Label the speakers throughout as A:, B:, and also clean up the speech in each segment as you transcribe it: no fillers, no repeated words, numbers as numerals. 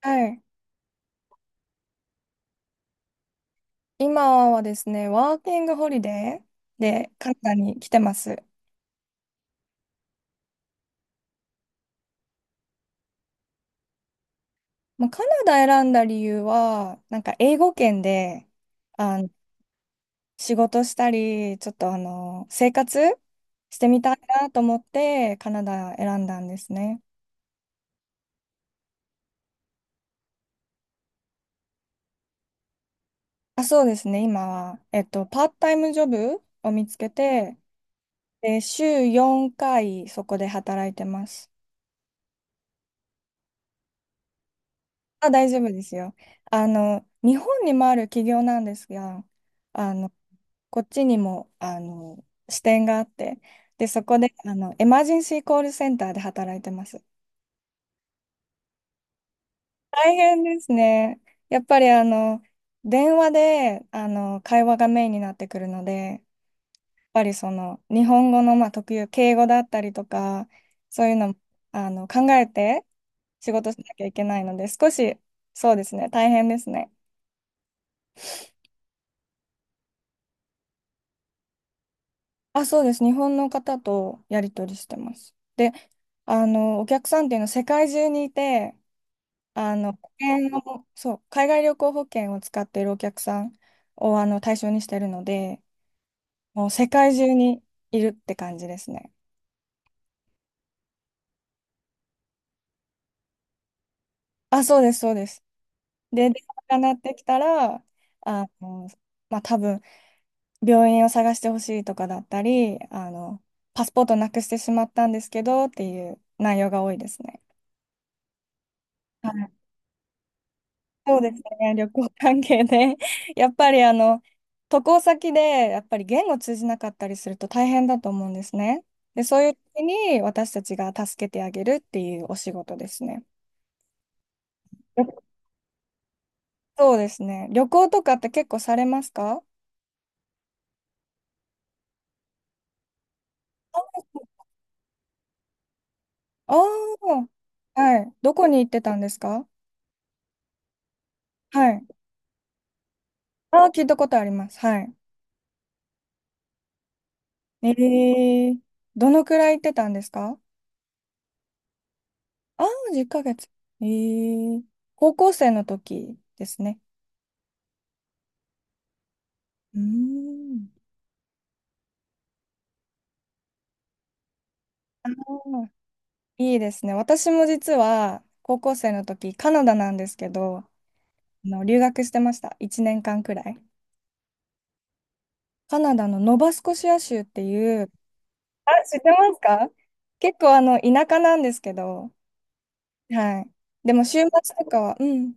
A: はい。今はですね、ワーキングホリデーでカナダに来てます。まあ、カナダ選んだ理由は、なんか英語圏で、あの、仕事したり、ちょっと生活してみたいなと思ってカナダ選んだんですね。あ、そうですね、今は、パートタイムジョブを見つけて、で、週4回そこで働いてます。あ、大丈夫ですよ。日本にもある企業なんですが、あのこっちにも、支店があって、で、そこで、エマージンシーコールセンターで働いてます。大変ですね。やっぱり、電話で、会話がメインになってくるので、やっぱりその、日本語の、まあ、特有、敬語だったりとか、そういうの、考えて仕事しなきゃいけないので、少し、そうですね、大変ですね。あ、そうです。日本の方とやり取りしてます。で、お客さんっていうのは世界中にいて、保険のそう、海外旅行保険を使っているお客さんを対象にしているので、もう世界中にいるって感じですね。あ、そうです、そうです。で、電話が鳴ってきたら、あの、まあ、多分、病院を探してほしいとかだったり、パスポートなくしてしまったんですけどっていう内容が多いですね。そうですね、旅行関係で。やっぱり渡航先で、やっぱり言語通じなかったりすると大変だと思うんですね。で、そういう時に私たちが助けてあげるっていうお仕事ですね。よそうですね。旅行とかって結構されますか？ああー、はい。どこに行ってたんですか？はい。ああ、聞いたことあります。はい。ええ、どのくらい行ってたんですか？ああー、10ヶ月。ええ、高校生の時ですね。うーん。あのいいですね。私も実は高校生の時、カナダなんですけど、留学してました。1年間くらい。カナダのノバスコシア州っていう、あ、知ってますか？結構田舎なんですけど、はい。でも週末とかは、うん。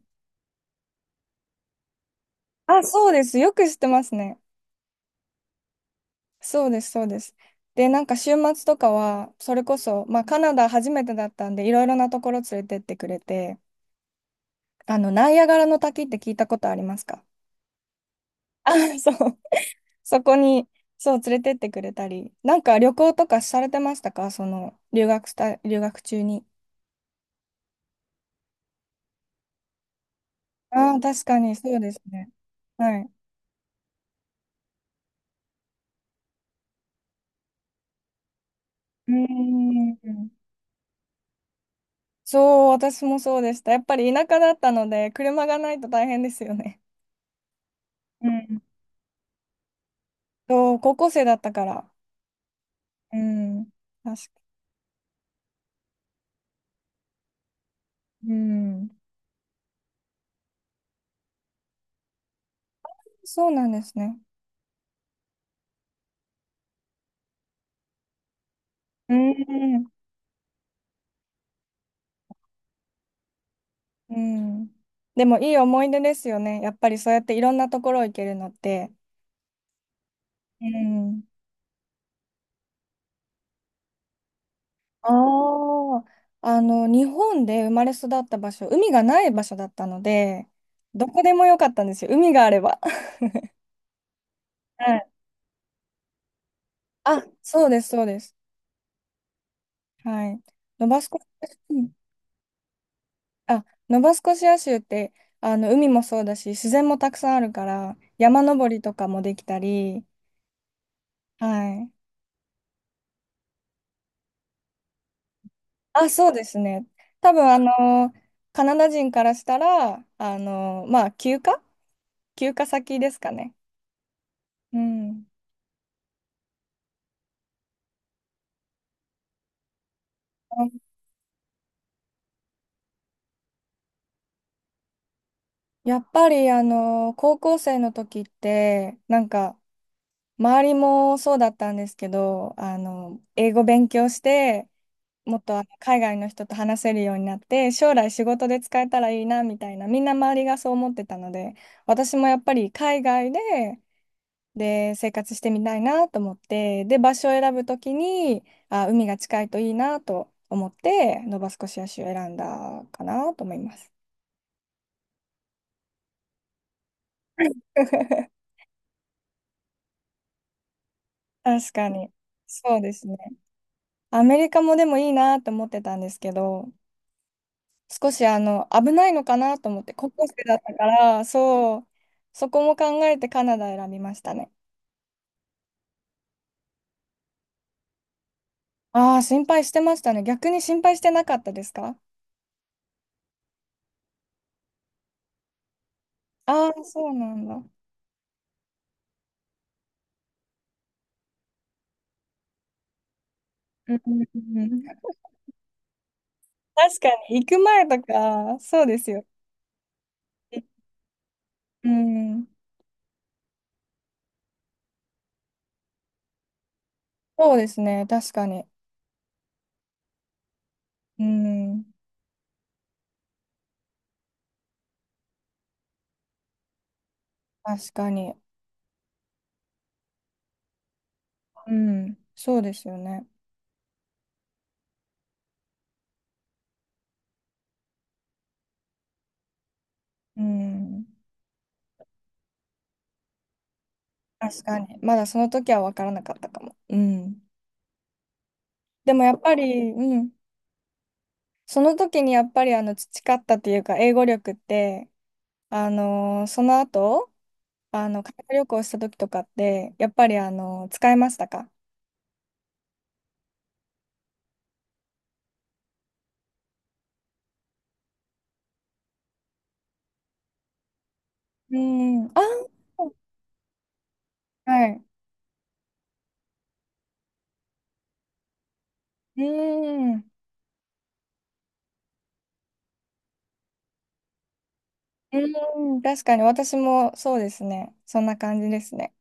A: あ、そうです。よく知ってますね。そうです、そうです。で、なんか週末とかは、それこそ、まあカナダ初めてだったんで、いろいろなところ連れてってくれて、ナイアガラの滝って聞いたことありますか？ あ、そう。そこに、そう、連れてってくれたり。なんか旅行とかされてましたか？その、留学した、留学中に。ああ、確かに、そうですね。はい。うーん。そう、私もそうでした。やっぱり田舎だったので、車がないと大変ですよね。うん。そう、高校生だったから。うん。確か、うん。そうなんですね。うん。うん。でも、いい思い出ですよね。やっぱりそうやっていろんなところ行けるのって。うん。ああ、日本で生まれ育った場所、海がない場所だったので、どこでもよかったんですよ、海があれば。はい。あ、そうです、そうです。はい。ノバスコシア州、うん。あ、ノバスコシア州って、海もそうだし、自然もたくさんあるから、山登りとかもできたり、はい。あ、そうですね。多分、カナダ人からしたら、まあ、休暇先ですかね。うん。やっぱり高校生の時ってなんか周りもそうだったんですけど英語勉強してもっと海外の人と話せるようになって将来仕事で使えたらいいなみたいなみんな周りがそう思ってたので私もやっぱり海外で、で生活してみたいなと思ってで場所を選ぶ時にあ海が近いといいなと思ってノバスコシア州を選んだかなと思います。確かにそうですね。アメリカもでもいいなって思ってたんですけど、少し危ないのかなと思って、高校生だったから、そう、そこも考えてカナダ選びましたね。ああ、心配してましたね。逆に心配してなかったですか？ああー、そうなんだ。うんうんうん、確かに、行く前とか、そうですよ。うん、そうですね、確かに。うん、確かに。うん、そうですよね。うん、確かに。まだその時は分からなかったかも。うん。でもやっぱり、うん、その時にやっぱり培ったというか、英語力って、その後、海外旅行した時とかって、やっぱり使えましたか？うん、あー、はい。うん、うん、確かに私もそうですね。そんな感じですね。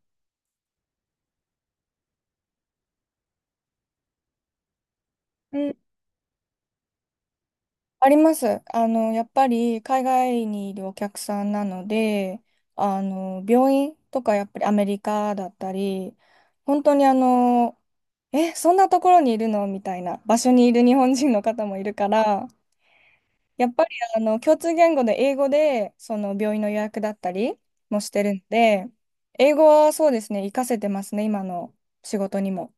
A: あります。やっぱり海外にいるお客さんなので、病院とかやっぱりアメリカだったり、本当にえ、そんなところにいるのみたいな場所にいる日本人の方もいるから、やっぱり共通言語で英語で、その病院の予約だったりもしてるので、英語はそうですね、活かせてますね、今の仕事にも。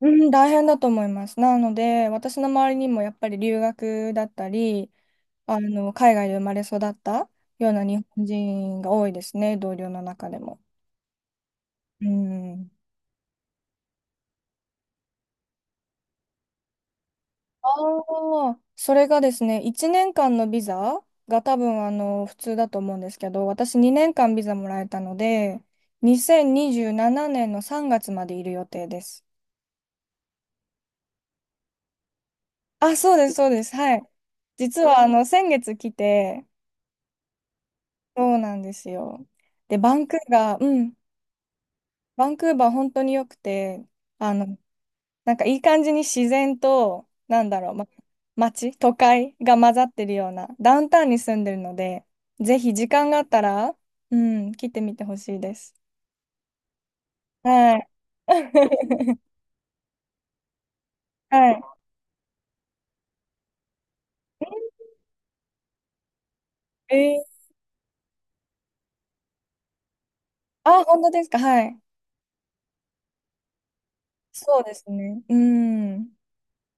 A: うん、大変だと思います。なので、私の周りにもやっぱり留学だったり、海外で生まれ育ったような日本人が多いですね、同僚の中でも。うん。ああ、それがですね、1年間のビザが多分普通だと思うんですけど、私2年間ビザもらえたので、2027年の3月までいる予定です。あ、そうです、そうです。はい。実は先月来て、そうなんですよ。で、バンクーバー、うん、バンクーバー本当に良くて、あの、なんかいい感じに自然と、なんだろう、ま、街、都会が混ざってるような、ダウンタウンに住んでるので、ぜひ時間があったら、うん、来てみてほしいです。はい。はい。えー、あ、本当ですか。はい。そうですね。うん。